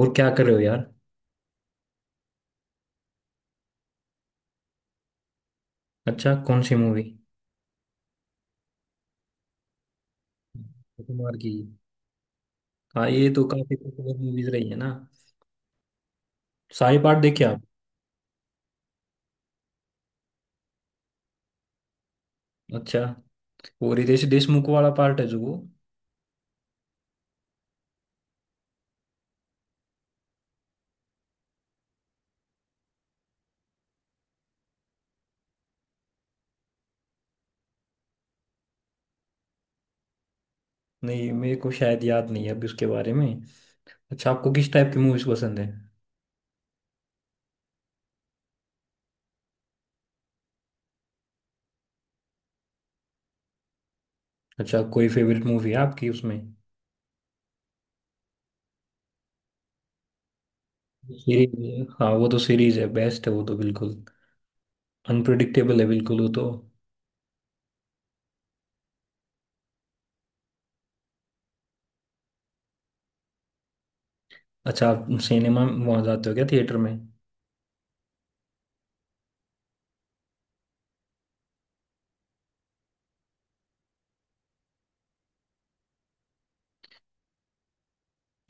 और क्या कर रहे हो यार? अच्छा, कौन सी मूवी? अक्षय कुमार की। हाँ, ये तो काफी पॉपुलर मूवीज रही है ना। सारे पार्ट देखे आप? अच्छा, वो रितेश देशमुख वाला पार्ट है जो वो। नहीं, मेरे को शायद याद नहीं है अभी उसके बारे में। अच्छा, आपको किस टाइप की मूवीज पसंद है? अच्छा, कोई फेवरेट मूवी है आपकी उसमें? सीरीज, हाँ वो तो सीरीज है, बेस्ट है वो तो बिल्कुल। अनप्रडिक्टेबल है बिल्कुल वो तो। अच्छा, आप सिनेमा वहाँ जाते हो क्या थिएटर में?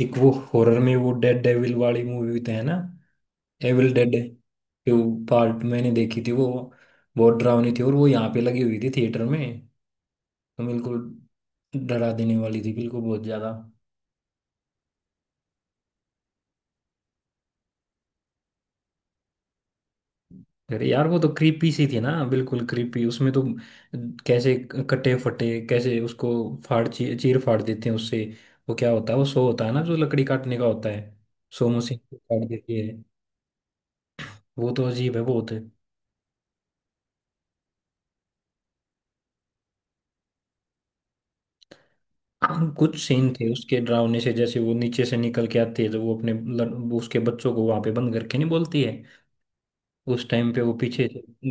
एक वो हॉरर में वो डेड डेविल वाली मूवी तो है ना। एविल डेड टू पार्ट मैंने देखी थी वो। बहुत डरावनी थी और वो यहाँ पे लगी हुई थी थिएटर में। तो बिल्कुल डरा देने वाली थी बिल्कुल बहुत ज्यादा। अरे यार, वो तो क्रीपी सी थी ना, बिल्कुल क्रीपी उसमें तो। कैसे कटे फटे, कैसे उसको फाड़ चीर फाड़ देते हैं उससे। वो क्या होता है, वो सो होता है ना जो लकड़ी काटने का होता है, सो मशीन को काट देती है। वो तो अजीब है बहुत। हाँ, कुछ सीन थे उसके डरावने से, जैसे वो नीचे से निकल के आती है, जब वो वो उसके बच्चों को वहां पे बंद करके नहीं बोलती है। उस टाइम पे वो पीछे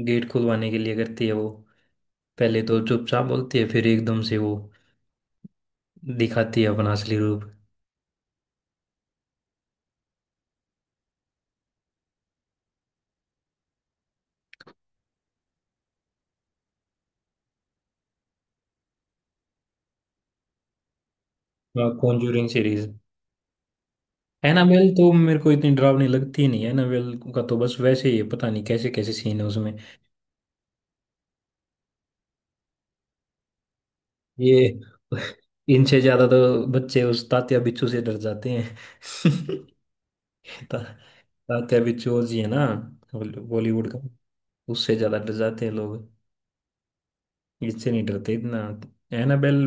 गेट खुलवाने के लिए करती है वो। पहले तो चुपचाप बोलती है, फिर एकदम से वो दिखाती है अपना असली रूप। Conjuring series. एनाबेल तो मेरे को इतनी डरावनी लगती ही नहीं है, एनाबेल का तो बस वैसे ही है, पता नहीं कैसे कैसे सीन है उसमें। ये। इनसे ज्यादा तो बच्चे उस तात्या बिच्छू से डर जाते हैं। ता- तात्या बिच्चू जी है ना, बॉलीवुड का। उससे ज्यादा डर जाते हैं लोग, इससे नहीं डरते इतना। एनाबेल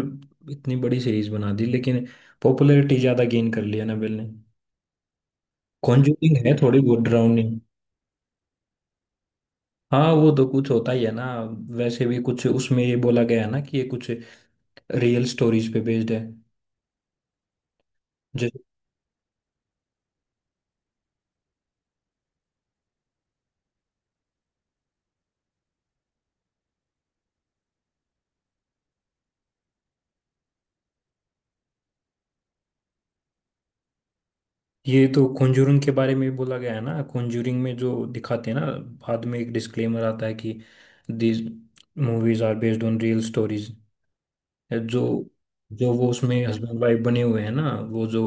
इतनी बड़ी सीरीज बना दी, लेकिन पॉपुलैरिटी ज्यादा गेन कर ली एनाबेल ने। कॉन्जूरिंग है थोड़ी बहुत डरावनी। हाँ, वो तो कुछ होता ही है ना वैसे भी। कुछ उसमें ये बोला गया है ना कि ये कुछ रियल स्टोरीज पे बेस्ड है। ये तो कॉन्जूरिंग के बारे में बोला गया है ना, कॉन्जूरिंग में जो दिखाते हैं ना, बाद में एक डिस्क्लेमर आता है कि these movies are based on real stories. जो जो वो उसमें हस्बैंड वाइफ बने हुए हैं ना, वो जो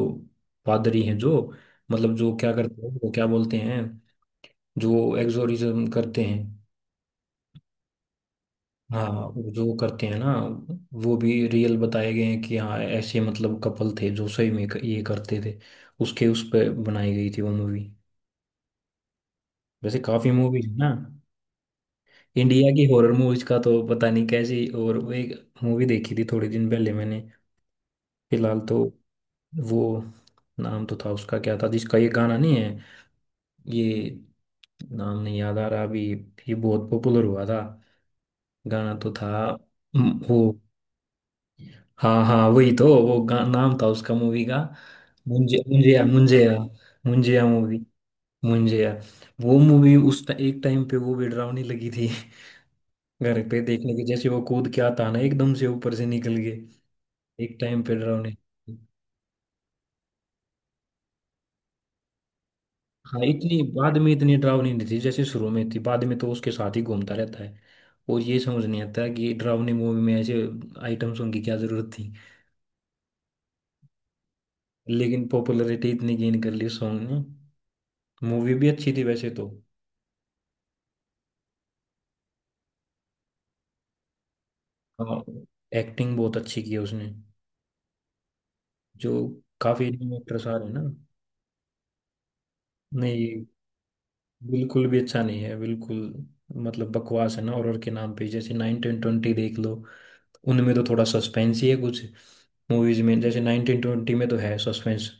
पादरी हैं, जो मतलब जो क्या करते हैं, वो क्या बोलते हैं, जो एग्जोरिज्म करते हैं। हाँ, वो जो करते हैं ना, वो भी रियल बताए गए हैं कि हाँ, ऐसे मतलब कपल थे जो सही में ये करते थे, उसके उस पर बनाई गई थी वो मूवी। वैसे काफी मूवीज है ना। इंडिया की हॉरर मूवीज का तो पता नहीं कैसी, और वो एक मूवी देखी थी थोड़े दिन पहले मैंने फिलहाल तो। वो, नाम तो था उसका, क्या था जिसका ये गाना नहीं है, ये नाम नहीं याद आ रहा अभी। ये बहुत पॉपुलर हुआ था, गाना तो था। वो। हाँ हाँ, वही तो, वो नाम था उसका मूवी का। मुंजे मुंजिया मुंजिया, मुंजिया मूवी, मुंजिया। वो मूवी एक टाइम पे वो भी डरावनी लगी थी। घर पे देखने के जैसे, वो कूद के आता ना एकदम से ऊपर से निकल गए। एक टाइम पे डरावनी थी। हाँ, इतनी बाद में इतनी डरावनी नहीं थी जैसे शुरू में थी, बाद में तो उसके साथ ही घूमता रहता है। और ये समझ नहीं आता कि डरावनी मूवी में ऐसे आइटम सॉन्ग की क्या जरूरत थी। लेकिन पॉपुलैरिटी इतनी गेन कर ली सॉन्ग ने, मूवी भी अच्छी थी वैसे तो। हाँ, एक्टिंग बहुत अच्छी की है उसने जो। काफी एक्ट्रेस आ रहे हैं ना। नहीं, बिल्कुल भी अच्छा नहीं है बिल्कुल, मतलब बकवास है ना हॉरर के नाम पे। जैसे 1920 देख लो, उनमें तो थोड़ा सस्पेंस ही है कुछ मूवीज में। जैसे 1920 में तो है सस्पेंस,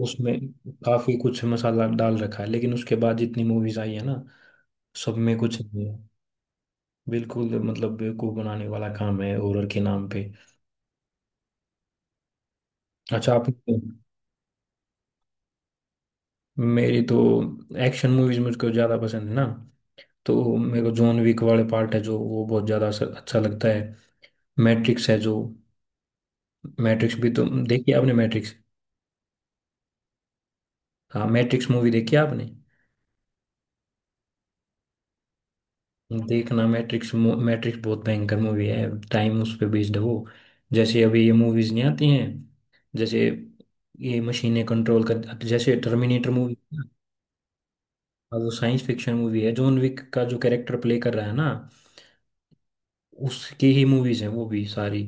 उसमें काफी कुछ मसाला डाल रखा है, लेकिन उसके बाद जितनी मूवीज आई है ना, सब में कुछ नहीं है। बिल्कुल मतलब बेवकूफ बनाने वाला काम है हॉरर के नाम पे। अच्छा आप। मेरी तो एक्शन मूवीज मुझको ज्यादा पसंद है ना। तो मेरे को जॉन विक वाले पार्ट है जो वो बहुत ज्यादा अच्छा लगता है। मैट्रिक्स है जो, मैट्रिक्स भी तो देखी आपने मैट्रिक्स? हाँ, मैट्रिक्स मूवी देखी आपने? देखना मैट्रिक्स। मैट्रिक्स बहुत भयंकर मूवी है, टाइम उस पे बेस्ड है वो। जैसे अभी ये मूवीज नहीं आती हैं, जैसे ये मशीनें कंट्रोल कर, जैसे टर्मिनेटर मूवी। वो साइंस फिक्शन मूवी है, जॉन विक का जो कैरेक्टर प्ले कर रहा है ना, उसकी ही मूवीज हैं वो भी सारी।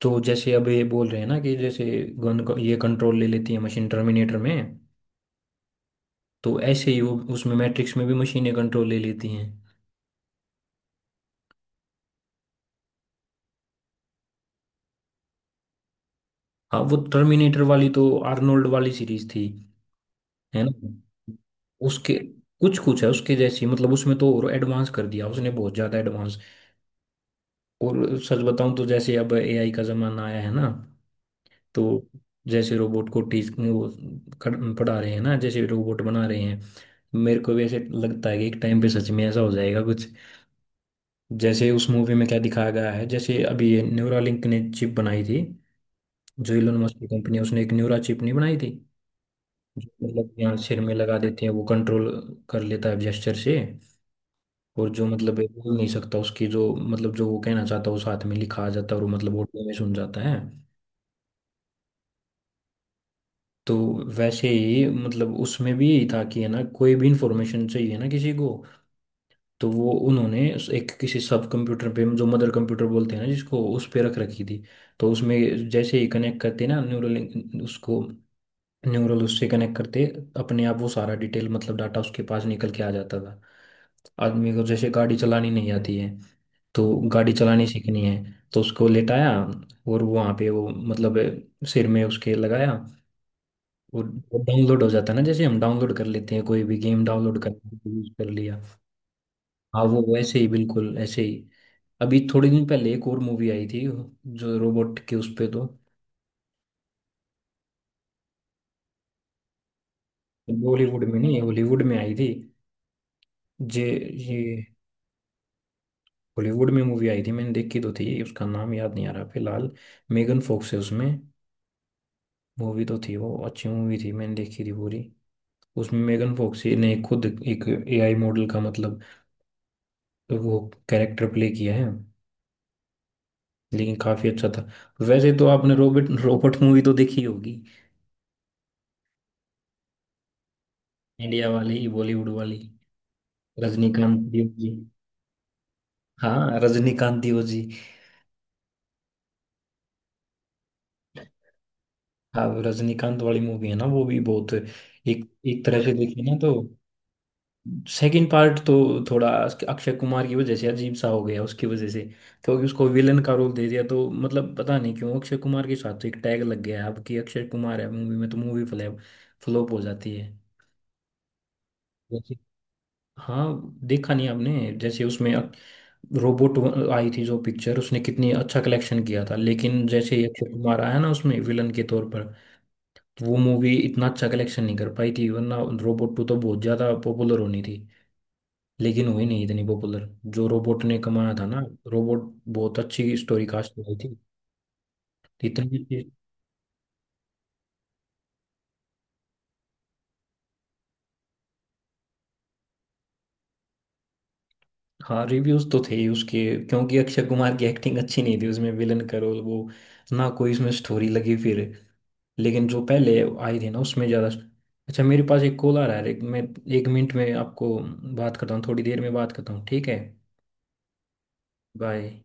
तो जैसे अब ये बोल रहे हैं ना कि जैसे गन को ये कंट्रोल ले लेती है मशीन टर्मिनेटर में, तो ऐसे ही वो उसमें मैट्रिक्स में भी मशीनें कंट्रोल ले लेती हैं। हाँ, वो टर्मिनेटर वाली तो आर्नोल्ड वाली सीरीज थी। है ना, उसके कुछ कुछ है उसके जैसी, मतलब उसमें तो और एडवांस कर दिया उसने, बहुत ज़्यादा एडवांस। और सच बताऊं तो जैसे अब एआई का ज़माना आया है ना, तो जैसे रोबोट को टीच वो पढ़ा रहे हैं ना, जैसे रोबोट बना रहे हैं। मेरे को भी ऐसे लगता है कि एक टाइम पे सच में ऐसा हो जाएगा कुछ, जैसे उस मूवी में क्या दिखाया गया है। जैसे अभी ये न्यूरालिंक ने चिप बनाई थी, जो इलोन मस्क की कंपनी है, उसने एक न्यूरा चिप नहीं बनाई थी, जो मतलब यहाँ सिर में लगा देते हैं, वो कंट्रोल कर लेता है जेस्चर से। और जो मतलब है, बोल नहीं सकता, उसकी जो मतलब जो वो कहना चाहता है वो साथ में लिखा आ जाता है और वो मतलब ऑडियो में सुन जाता है। तो वैसे ही, मतलब उसमें भी यही था कि है ना, कोई भी इंफॉर्मेशन चाहिए ना किसी को, तो वो उन्होंने एक किसी सब कंप्यूटर पे जो मदर कंप्यूटर बोलते हैं ना, जिसको उस पे रख रखी थी। तो उसमें जैसे ही कनेक्ट करते ना न्यूरल उसको, न्यूरल उससे कनेक्ट करते, अपने आप वो सारा डिटेल मतलब डाटा उसके पास निकल के आ जाता था। आदमी को जैसे गाड़ी चलानी नहीं आती है, तो गाड़ी चलानी सीखनी है, तो उसको लेटाया और वो वहाँ पे वो मतलब सिर में उसके लगाया, और डाउनलोड हो जाता है ना, जैसे हम डाउनलोड कर लेते हैं कोई भी गेम डाउनलोड कर, यूज कर लिया। हाँ, वो वैसे ही बिल्कुल ऐसे ही। अभी थोड़े दिन पहले एक और मूवी आई थी जो रोबोट के उस पे तो, बॉलीवुड में नहीं हॉलीवुड में आई थी। जे ये हॉलीवुड में मूवी आई थी, मैंने देखी तो थी, उसका नाम याद नहीं आ रहा फिलहाल। मेगन फोक्स है उसमें, मूवी तो थी वो, अच्छी मूवी थी, मैंने देखी थी पूरी। उसमें मेगन फोक्स ने खुद एक एआई मॉडल का मतलब वो कैरेक्टर प्ले किया है, लेकिन काफी अच्छा था। वैसे तो आपने रोबोट रोबोट मूवी तो देखी होगी, इंडिया वाली बॉलीवुड वाली, रजनीकांत दियो जी। हाँ, रजनीकांत दियो जी। हाँ, रजनीकांत वाली मूवी है ना, वो भी बहुत एक एक तरह से देखी ना तो। सेकंड पार्ट तो थोड़ा अक्षय कुमार की वजह से अजीब सा हो गया, उसकी वजह से। क्योंकि उसको विलन का रोल दे दिया, तो मतलब पता नहीं क्यों, अक्षय कुमार के साथ तो एक टैग लग गया है अब कि अक्षय कुमार है मूवी में तो मूवी फ्लैप फ्लॉप हो जाती है। जैसे, हाँ देखा नहीं आपने, जैसे उसमें रोबोट आई थी जो पिक्चर, उसने कितनी अच्छा कलेक्शन किया था, लेकिन जैसे ही अक्षय कुमार आया ना उसमें विलन के तौर पर, वो मूवी इतना अच्छा कलेक्शन नहीं कर पाई थी, वरना रोबोट टू तो बहुत ज़्यादा पॉपुलर होनी थी, लेकिन हुई नहीं इतनी पॉपुलर जो रोबोट ने कमाया था ना। रोबोट बहुत अच्छी स्टोरी कास्ट बनाई थी इतनी अच्छी। हाँ, रिव्यूज तो थे ही उसके, क्योंकि अक्षय कुमार की एक्टिंग अच्छी नहीं थी उसमें विलन का रोल वो, ना कोई इसमें स्टोरी लगी फिर, लेकिन जो पहले आई थी ना उसमें ज़्यादा। अच्छा, मेरे पास एक कॉल आ रहा है, मैं एक मिनट में आपको बात करता हूँ, थोड़ी देर में बात करता हूँ, ठीक है? बाय।